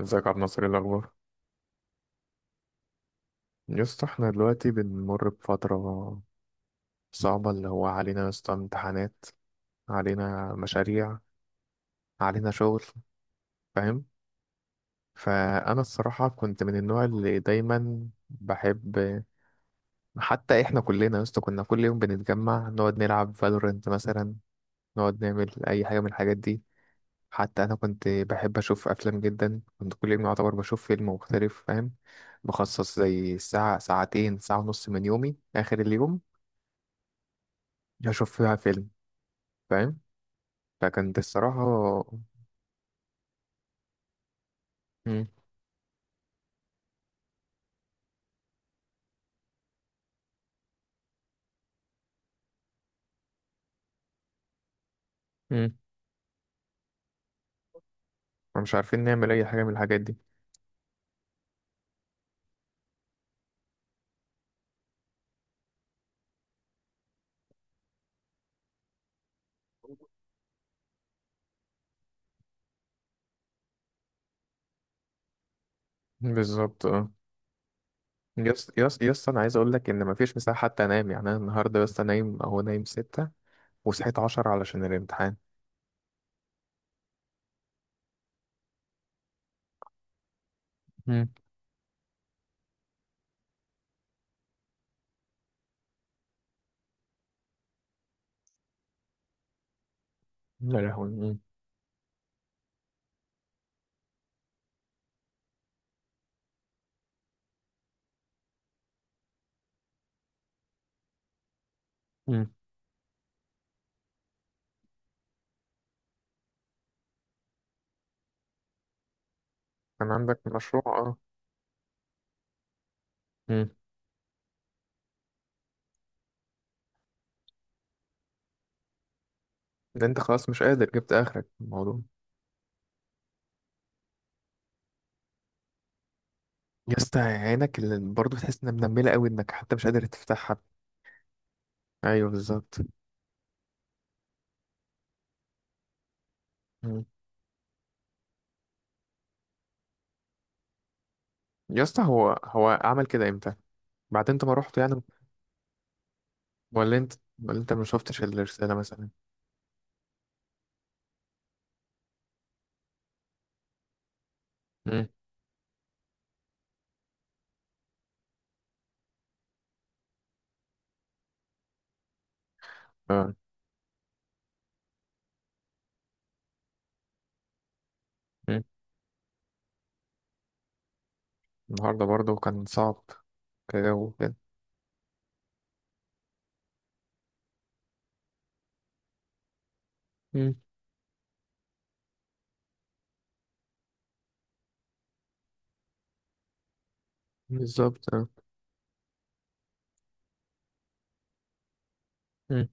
ازيك يا عبد الناصر؟ ايه الاخبار؟ يا اسطى احنا دلوقتي بنمر بفتره صعبه، اللي هو علينا يا اسطى امتحانات، علينا مشاريع، علينا شغل، فاهم؟ فانا الصراحه كنت من النوع اللي دايما بحب. حتى احنا كلنا يا اسطى كنا كل يوم بنتجمع نقعد نلعب فالورنت مثلا، نقعد نعمل اي حاجه من الحاجات دي. حتى انا كنت بحب اشوف افلام جدا، كنت كل يوم يعتبر بشوف فيلم مختلف، فاهم؟ بخصص زي ساعه ساعتين ساعه ونص من يومي، اخر اليوم اشوف فيها فيلم، فاهم؟ لكن دي الصراحة. مم. مم. مش عارفين نعمل اي حاجة من الحاجات دي. بالظبط اه. يس يس يس انا عايز اقول لك ان مفيش مساحة حتى انام، يعني انا النهارده بس نايم اهو، نايم 6 وصحيت 10 علشان الامتحان. مم. لا لهوي. مم. مم. كان عندك مشروع اه. مم. ده انت خلاص مش قادر، جبت اخرك في الموضوع. يا اسطى عينك اللي برضه تحس انها منمله قوي، انك حتى مش قادر تفتحها. ايوه بالظبط. مم. يا اسطى هو عمل كده امتى؟ بعد انت ما رحت يعني؟ ولا انت ولا انت ما شفتش الرسالة مثلا؟ مم. آه. مم. النهاردة برضه كان صعب، كجو كده. مم. بالظبط اه. مم.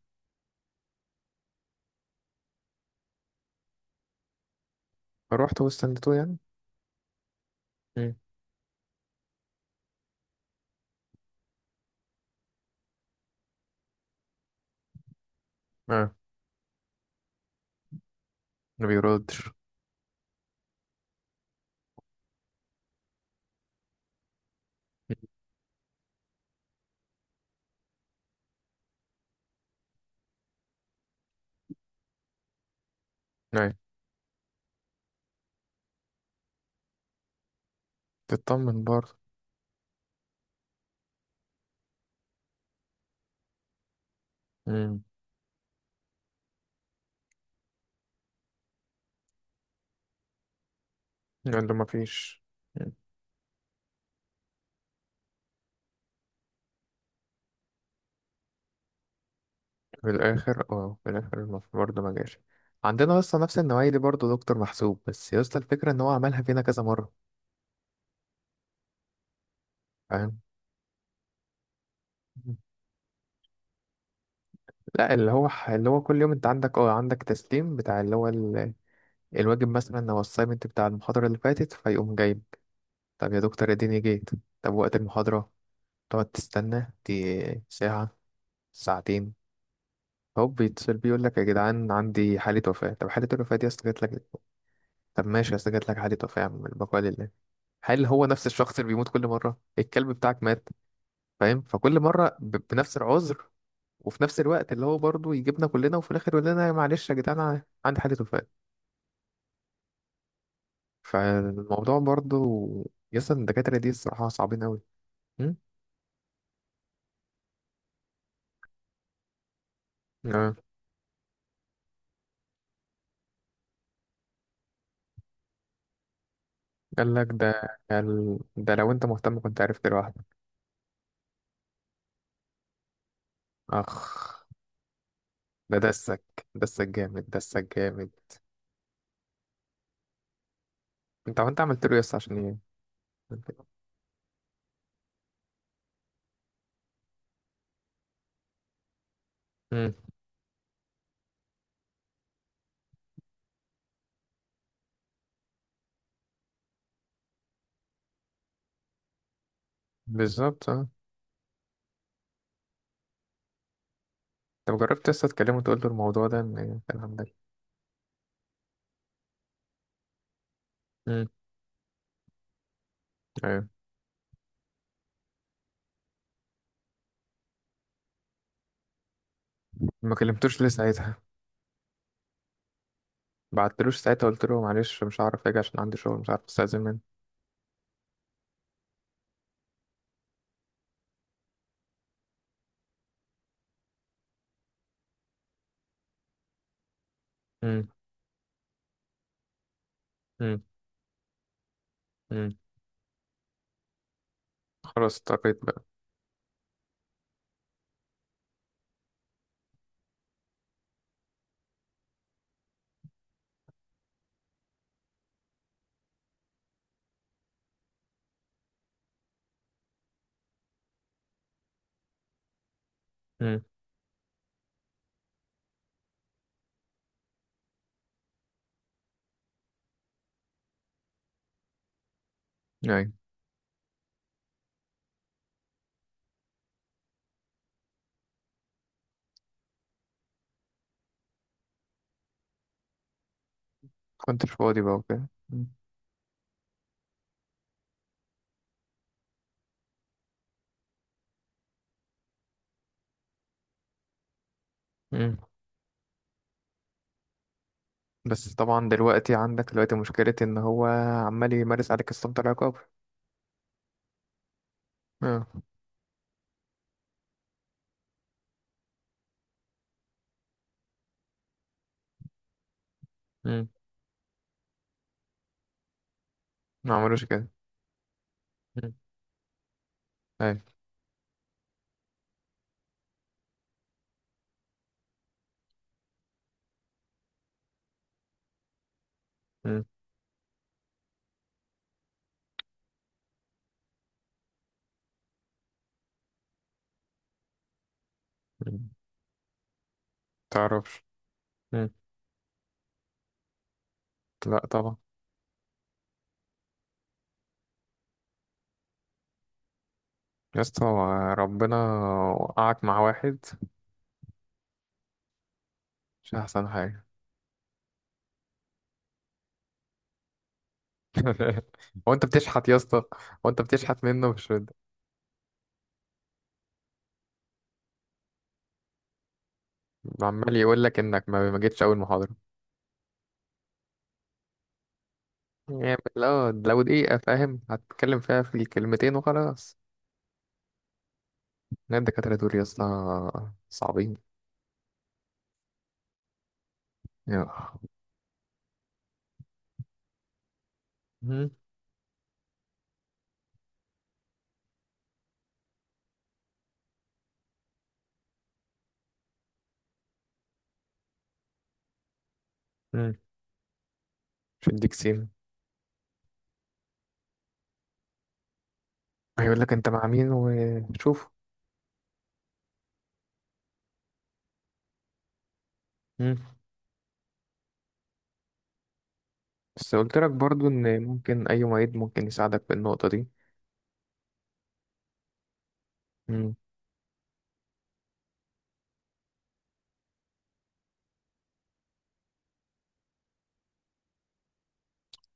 فروحت واستنيته يعني. مم. اه. ما بيردش. مم. ايوه. تطمن برضه. مم. قال له ما فيش. في الآخر برضه ما جاش. عندنا اصلا نفس النوعية دي، برضه دكتور محسوب، بس يا اسطى الفكرة ان هو عملها فينا كذا مرة. فاهم؟ مم. لا، اللي هو كل يوم انت عندك اه، عندك تسليم بتاع اللي هو الواجب مثلا، لو السايمنت بتاع المحاضرة اللي فاتت فيقوم جايب. طب يا دكتور اديني جيت. طب وقت المحاضرة تقعد تستنى، دي ساعة، ساعتين، هوب بيتصل بيه يقول لك يا جدعان عندي حالة وفاة. طب حالة الوفاة دي أصل جات لك؟ طب ماشي، أصل جات لك حالة وفاة، يا عم البقاء لله. هل هو نفس الشخص اللي بيموت كل مرة؟ الكلب بتاعك مات؟ فاهم؟ فكل مرة بنفس العذر، وفي نفس الوقت اللي هو برضه يجيبنا كلنا، وفي الآخر يقول لنا معلش يا جدعان عندي حالة وفاة. فالموضوع برضه، يسطا الدكاترة دي الصراحة صعبين أوي. مم؟ اه. قال ده لو انت مهتم كنت عرفت لوحدك. اخ. ده دسك. دسك جامد دسك جامد. انت هو انت عملت له يس عشان ايه؟ مم. بالظبط اه. طب جربت لسه تكلمه وتقول له الموضوع ده، ان الكلام ده؟ مم. ايوه. ما كلمتوش ليه ساعتها؟ بعتلوش ساعتها قلت له معلش مش هعرف اجي عشان عندي شغل، مش عارف استاذن منه؟ مم. مم. مم. خلاص اضطريت بقى. مم. ايوه. كنتش فاضي بقى وكده. مم. مم. بس طبعا دلوقتي عندك دلوقتي مشكلة إن هو عمال يمارس عليك السلطة العقاب. اه. مم. ما عملوش كده. مم. أي. مم. مم. تعرفش. مم. لا طبعا. يا اسطى هو ربنا وقعك مع واحد. مش أحسن حاجة؟ هو أنت بتشحت يا اسطى؟ هو أنت بتشحت منه؟ مش رد. عمال يقول لك إنك ما جيتش أول محاضرة. يعني لو دقيقة فاهم هتتكلم فيها في الكلمتين وخلاص. لا الدكاترة دول يا اسطى صعبين. يا. مم. مش هيديك سيم. هيقول لك انت مع مين وشوف. مم. بس قلت لك برضو ان ممكن اي معيد ممكن يساعدك في النقطة دي. مم.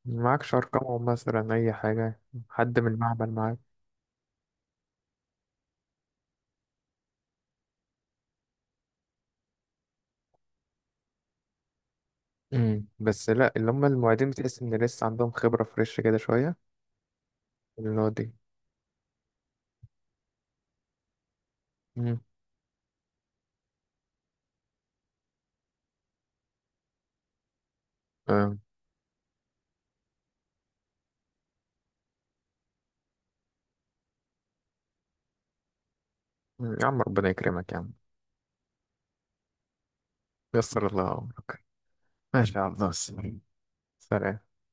معكش ارقامهم مثلا اي حاجة؟ حد من المعمل معاك؟ مم. بس لا، اللي هم المعيدين بتحس ان لسه عندهم خبرة فريش كده شوية. اللي هو دي. مم. آه. يا عم ربنا يكرمك يا عم. يسر الله امرك. ماشي يا عبد الله. سلام.